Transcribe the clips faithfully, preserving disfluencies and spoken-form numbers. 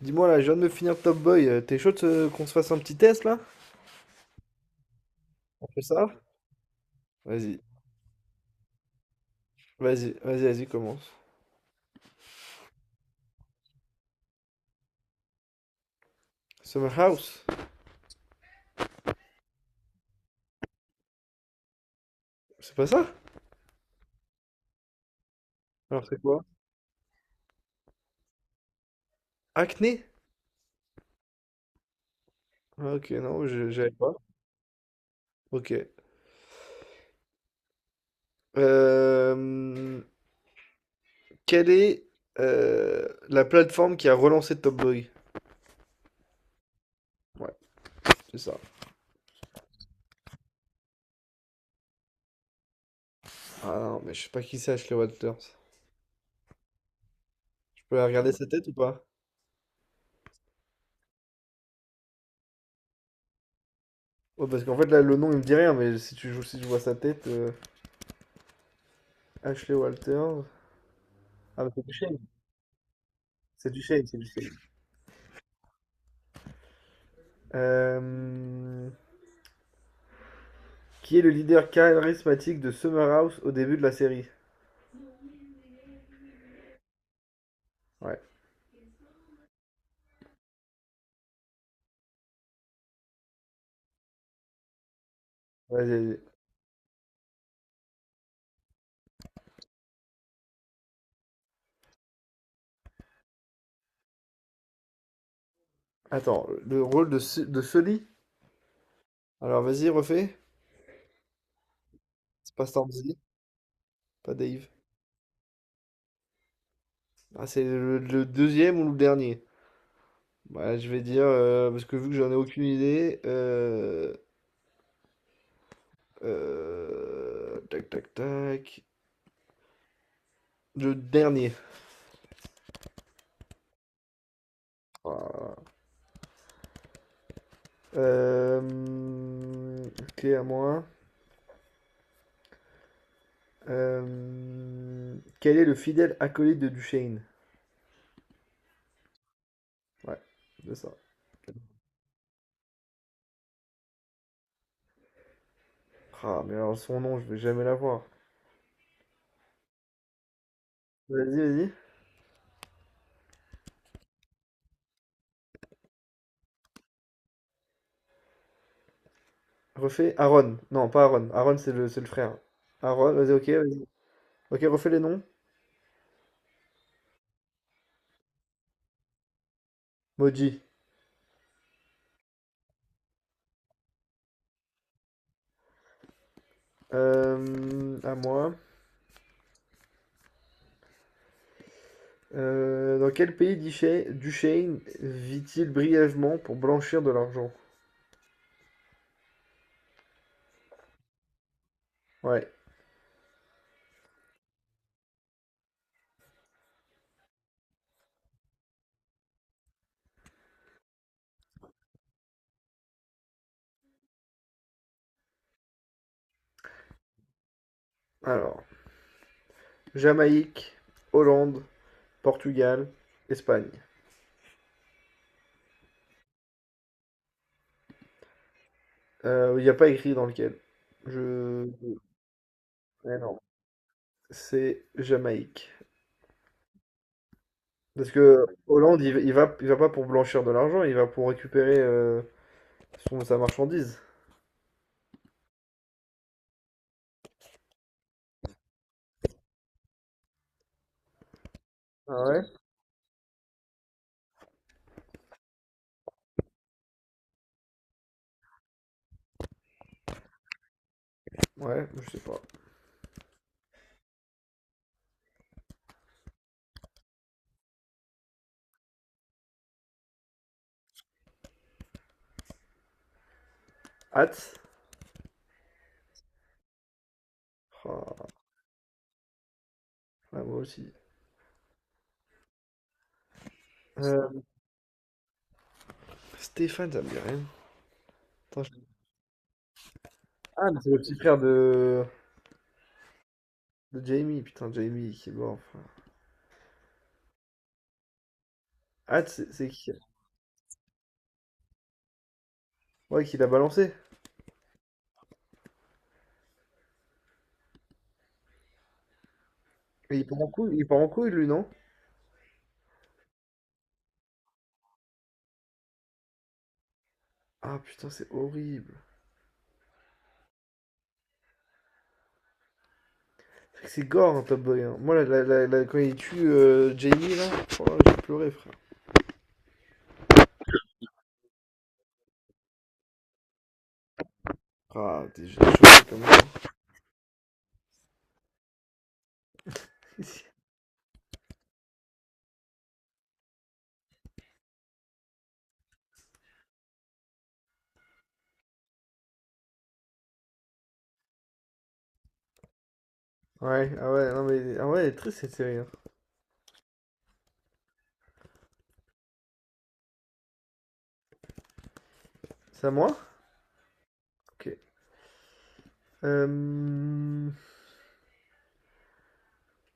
Dis-moi là, je viens de me finir Top Boy. euh, T'es chaud de se- qu'on se fasse un petit test là? On fait ça? Vas-y, vas-y, vas-y, vas-y, commence. Summer House? C'est pas ça? Alors c'est quoi? Acné? Ah, ok, non, je- j'avais pas. Ok. Euh, Quelle est euh, la plateforme qui a relancé Top Boy? Ouais, c'est ça. Ah non, mais je sais pas qui c'est Ashley Walters. Je peux regarder sa tête ou pas? Ouais, parce qu'en fait là, le nom il me dit rien, mais si tu joues, si je vois sa tête, euh, Ashley Walters. Ah, mais c'est du shade, c'est du shade, c'est du shade. Euh, qui est le leader charismatique de Summer House au début de la série? Ouais. Vas-y, vas-y. Attends, le rôle de, Su- de Sully? Alors vas-y, refais. C'est pas Stormzy, pas Dave. Ah, c'est le, le deuxième ou le dernier? Bah, je vais dire, euh, parce que vu que j'en ai aucune idée, euh, euh, tac tac tac, le dernier. Voilà. Euh, ok, à moi. Euh, quel est le fidèle acolyte de Duchesne? Ouais, c'est ça. Ah, mais alors son nom, je vais jamais l'avoir. Vas-y, vas-y. Refais Aaron. Non, pas Aaron. Aaron, c'est le, c'est le frère. Aaron, vas-y, ok, vas-y. Ok, refais les noms. Moji. Euh, à moi. Euh, dans quel pays Duchesne, Duchesne vit-il brièvement pour blanchir de l'argent? Ouais. Alors, Jamaïque, Hollande, Portugal, Espagne. Euh, Il n'y a pas écrit dans lequel. Je... Ouais, non. C'est Jamaïque. Parce que Hollande, il, il va, il va pas pour blanchir de l'argent, il va pour récupérer euh, son, sa marchandise. Ah ouais? Ouais, je sais pas. Hâte? Ah, ah, moi aussi. Euh, Stéphane, ça me dit rien. Attends, je- Ah, mais c'est le petit frère de, de Jamie, putain, Jamie qui est mort. Enfin. Hâte, c'est c'est qui? Ouais, qui l'a balancé. Et il part en couille, il part en couille, lui, non? Ah putain, c'est horrible. C'est que c'est gore, un Top Boy, hein. Moi, la- la- la- la- quand il tue euh, Jamie, là, oh, j'ai pleuré, frère. Ah, des j'ai des choses comme ça. Ouais, ah ouais, non mais ah ouais, elle est triste cette série, hein. C'est à moi? Ok. Euh,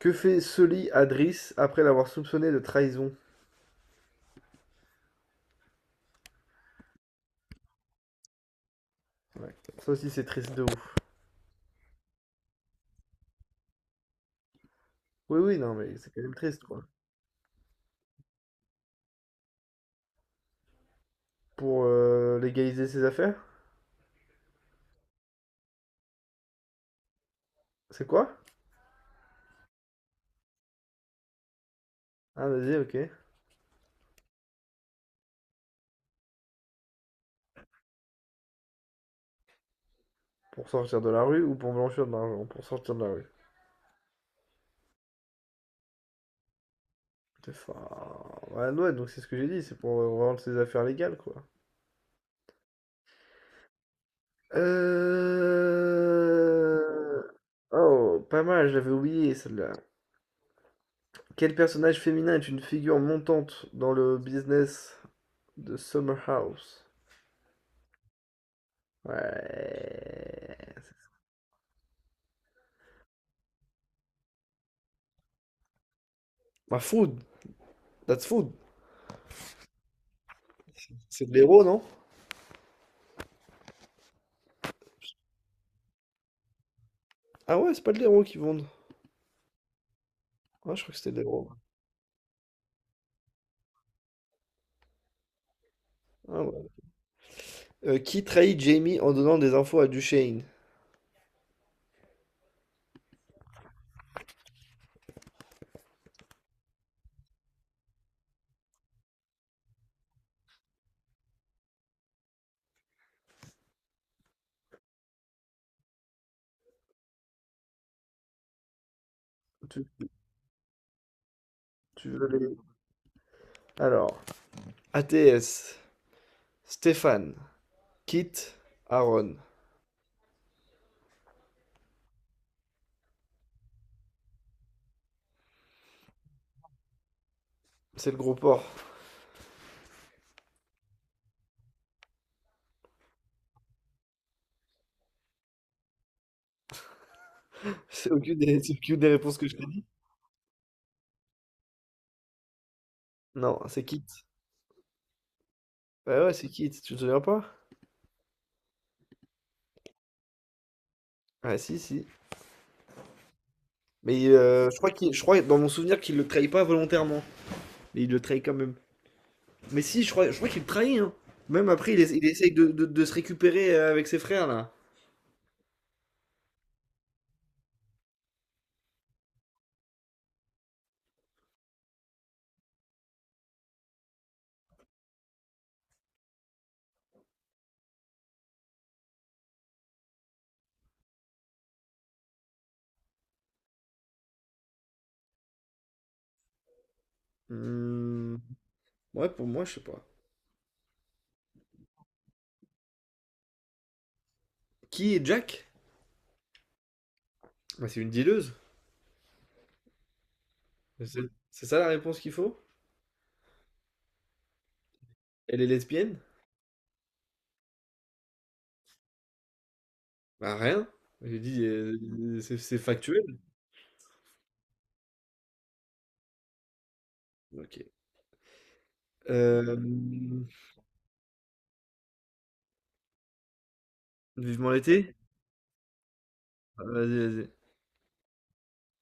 que fait Sully à Driss après l'avoir soupçonné de trahison? Ouais, ça aussi c'est triste de ouf. Oui, oui, non mais c'est quand même triste quoi. Pour euh, légaliser ses affaires? C'est quoi? Ah vas-y, ok. Pour sortir de la rue ou pour blanchir de l'argent? Pour sortir de la rue. C'est fa- Ouais, ouais, donc c'est ce que j'ai dit, c'est pour euh, rendre ses affaires légales quoi. Euh... Oh, pas mal, j'avais oublié celle-là. Quel personnage féminin est une figure montante dans le business de Summer House? Ouais. Bah, food. That's food. C'est de l'héros, non? Ah ouais, c'est pas de l'héros qui vendent. Ah, je crois que c'était de l'héros. Ah ouais. Euh, qui trahit Jamie en donnant des infos à Duchesne? Tu, tu veux les... Alors, A T S, Stéphane, Kit, Aaron. C'est le gros porc. C'est aucune des, c'est aucune des réponses que je t'ai dit. Non, c'est Kit. Bah ouais, c'est Kit. Tu te souviens pas? Ah si, si. Mais euh, je crois qu'il, je crois dans mon souvenir qu'il le trahit pas volontairement, mais il le trahit quand même. Mais si, je crois, je crois qu'il le trahit, hein. Même après, il, essa- il essaye de, de- de se récupérer euh, avec ses frères là. Hmm. Ouais, pour moi, je sais pas. Qui est Jack? Bah, c'est une dealeuse. C'est c'est ça la réponse qu'il faut? Elle est lesbienne? Bah rien. J'ai dit, euh, c'est c'est factuel. Ok. Euh, vivement l'été? Ah, vas-y, vas-y.